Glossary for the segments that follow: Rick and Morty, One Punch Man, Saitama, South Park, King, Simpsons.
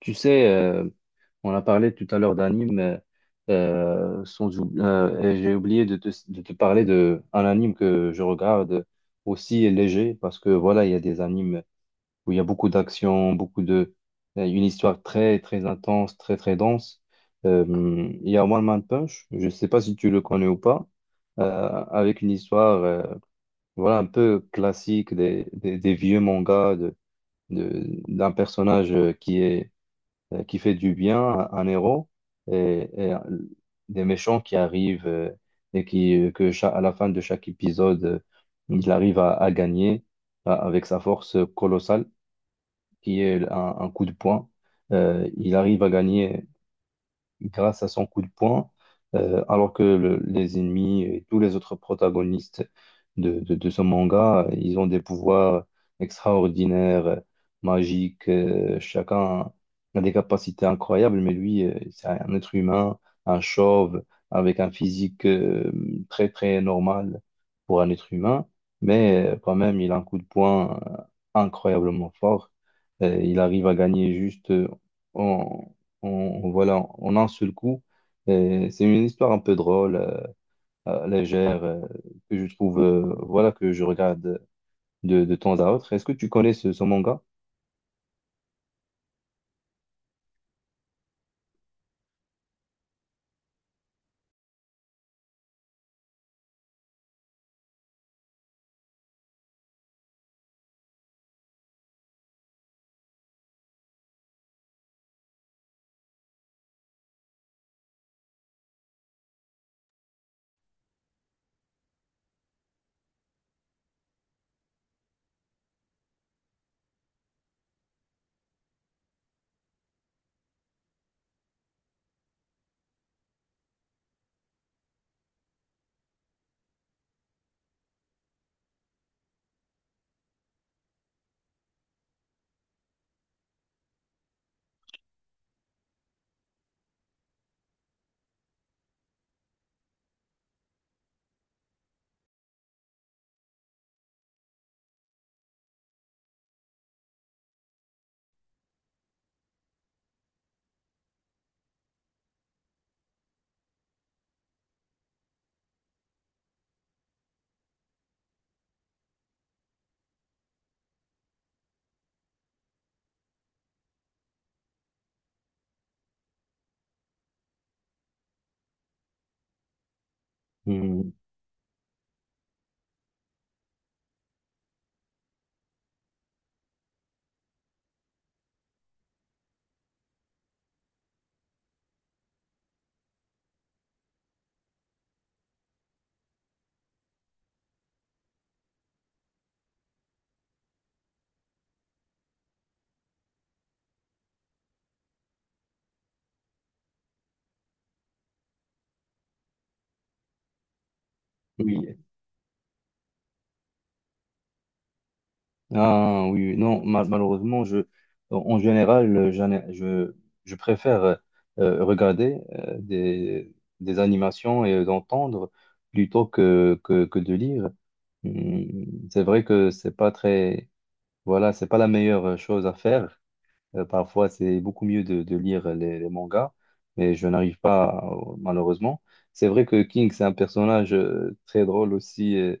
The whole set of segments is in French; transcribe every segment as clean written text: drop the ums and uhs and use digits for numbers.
Tu sais, on a parlé tout à l'heure d'anime, sans et j'ai oublié de te parler d'un anime que je regarde aussi léger, parce que voilà, il y a des animes où il y a beaucoup d'action, une histoire très, très intense, très, très dense. Euh, il y a One Man Punch, je ne sais pas si tu le connais ou pas, avec une histoire, voilà, un peu classique des vieux mangas d'un personnage qui est qui fait du bien à un héros et, des méchants qui arrivent et qui à la fin de chaque épisode il arrive à gagner avec sa force colossale qui est un coup de poing. Il arrive à gagner grâce à son coup de poing, alors que les ennemis et tous les autres protagonistes de ce manga, ils ont des pouvoirs extraordinaires, magiques, chacun a des capacités incroyables, mais lui, c'est un être humain, un chauve, avec un physique très, très normal pour un être humain, mais quand même, il a un coup de poing incroyablement fort. Il arrive à gagner juste... voilà, en un seul coup. Et c'est une histoire un peu drôle, légère, que je trouve, voilà, que je regarde de temps à autre. Est-ce que tu connais ce manga? Hmm. Oui. Ah oui, oui. Non, malheureusement, en général, je préfère regarder des animations et d'entendre plutôt que de lire. Hmm. C'est vrai que c'est pas très, voilà, c'est pas la meilleure chose à faire. Parfois, c'est beaucoup mieux de lire les mangas, mais je n'arrive pas, malheureusement. C'est vrai que King, c'est un personnage très drôle aussi. euh,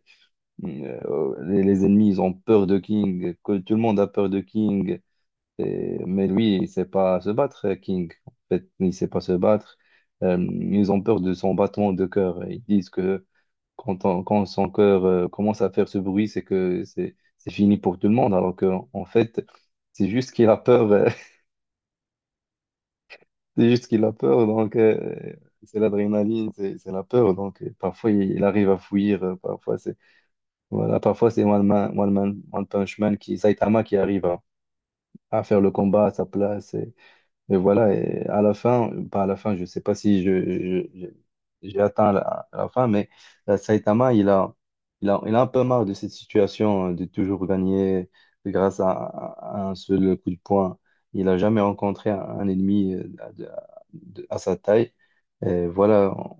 euh, Oh, les ennemis, ils ont peur de King, que tout le monde a peur de King. Mais lui, il ne sait pas se battre, King. En fait, il ne sait pas se battre. Ils ont peur de son battement de cœur. Ils disent que quand son cœur commence à faire ce bruit, c'est que c'est fini pour tout le monde. Alors qu'en fait, c'est juste qu'il a peur. C'est juste qu'il a peur, donc c'est l'adrénaline, c'est la peur. Donc parfois il arrive à fuir, parfois c'est voilà, parfois c'est One Punch Man qui Saitama qui arrive à faire le combat à sa place. Et voilà, et à la fin, pas à la fin, je sais pas si j'ai atteint la fin, mais Saitama, il a un peu marre de cette situation de toujours gagner grâce à un seul coup de poing. Il a jamais rencontré un ennemi de- à sa taille. Et voilà,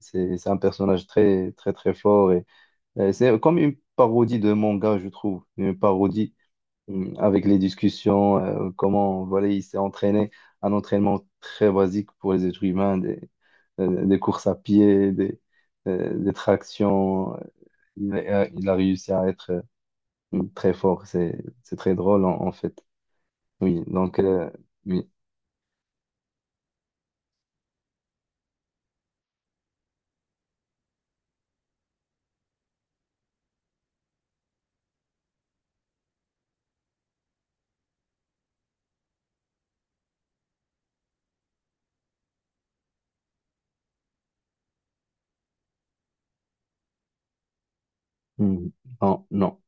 c'est un personnage très, très, très fort. Et c'est comme une parodie de manga, je trouve. Une parodie. Mm, avec les discussions, comment voilà, il s'est entraîné, un entraînement très basique pour les êtres humains, des courses à pied, des tractions. Il a, il a réussi à être très fort, c'est très drôle en, en fait. Oui, donc, oui. Mm. Non, non.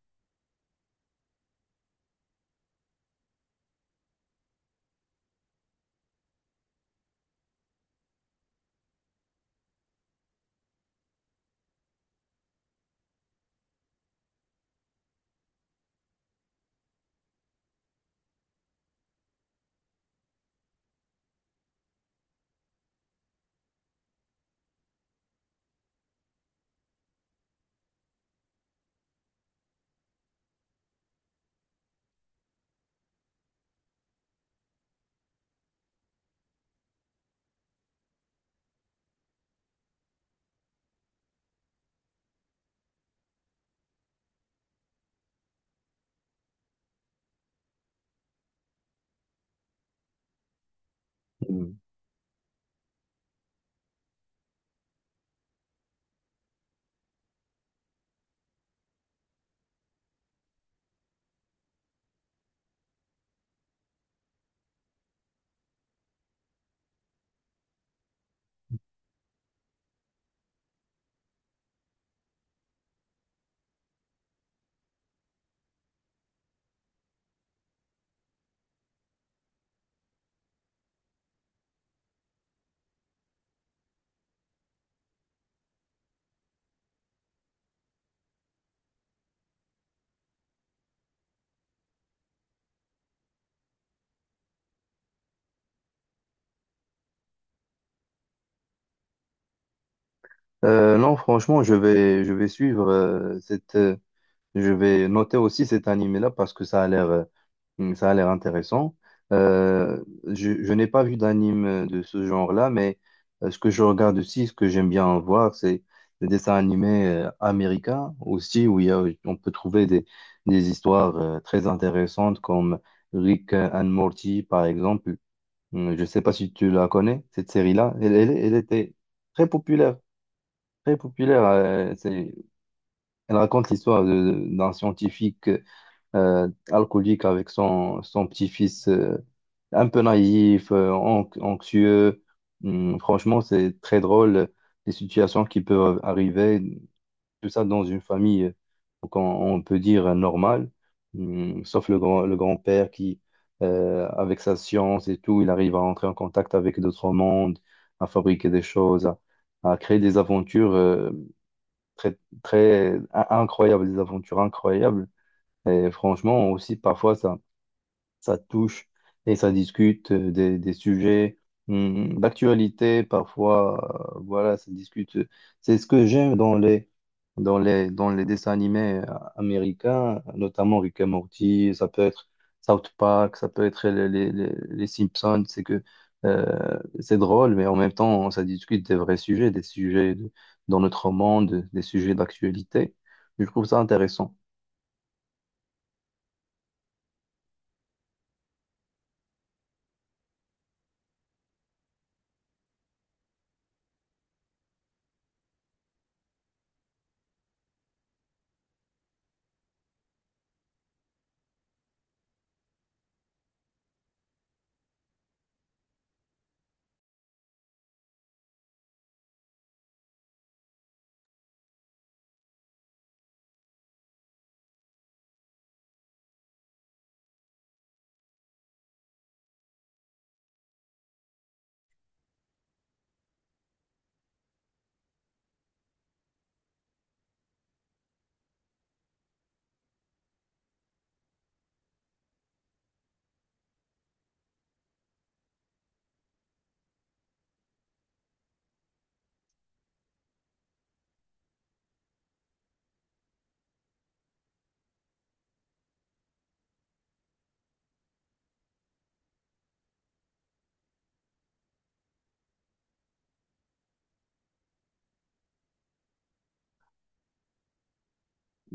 Mm. Non, franchement, je vais suivre cette. Je vais noter aussi cet animé-là parce que ça a l'air. Hmm. Ça a l'air intéressant. Euh, je n'ai pas vu d'anime de ce genre-là, mais ce que je regarde aussi, ce que j'aime bien voir, c'est les dessins animés américains aussi, où il y a, on peut trouver des histoires très intéressantes comme Rick and Morty, par exemple. Hmm. Je ne sais pas si tu la connais, cette série-là. Elle était très populaire, très populaire. Elle raconte l'histoire d'un scientifique alcoolique avec son, son petit-fils un peu naïf, anxieux. Franchement, c'est très drôle les situations qui peuvent arriver, tout ça dans une famille, donc on peut dire normale, hum, sauf le grand, le grand-père qui, avec sa science et tout, il arrive à entrer en contact avec d'autres mondes, à fabriquer des choses, à créer des aventures très, incroyables, des aventures incroyables. Et franchement, aussi, parfois, ça touche et ça discute des sujets d'actualité. Parfois, voilà, ça discute. C'est ce que j'aime dans les, dans les, dans les dessins animés américains, notamment Rick et Morty, ça peut être South Park, ça peut être les Simpsons. C'est que c'est drôle, mais en même temps, ça discute des vrais sujets, dans notre monde, des sujets d'actualité. Je trouve ça intéressant.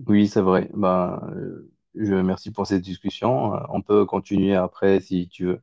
Oui, c'est vrai. Ben, je merci pour cette discussion. On peut continuer après si tu veux.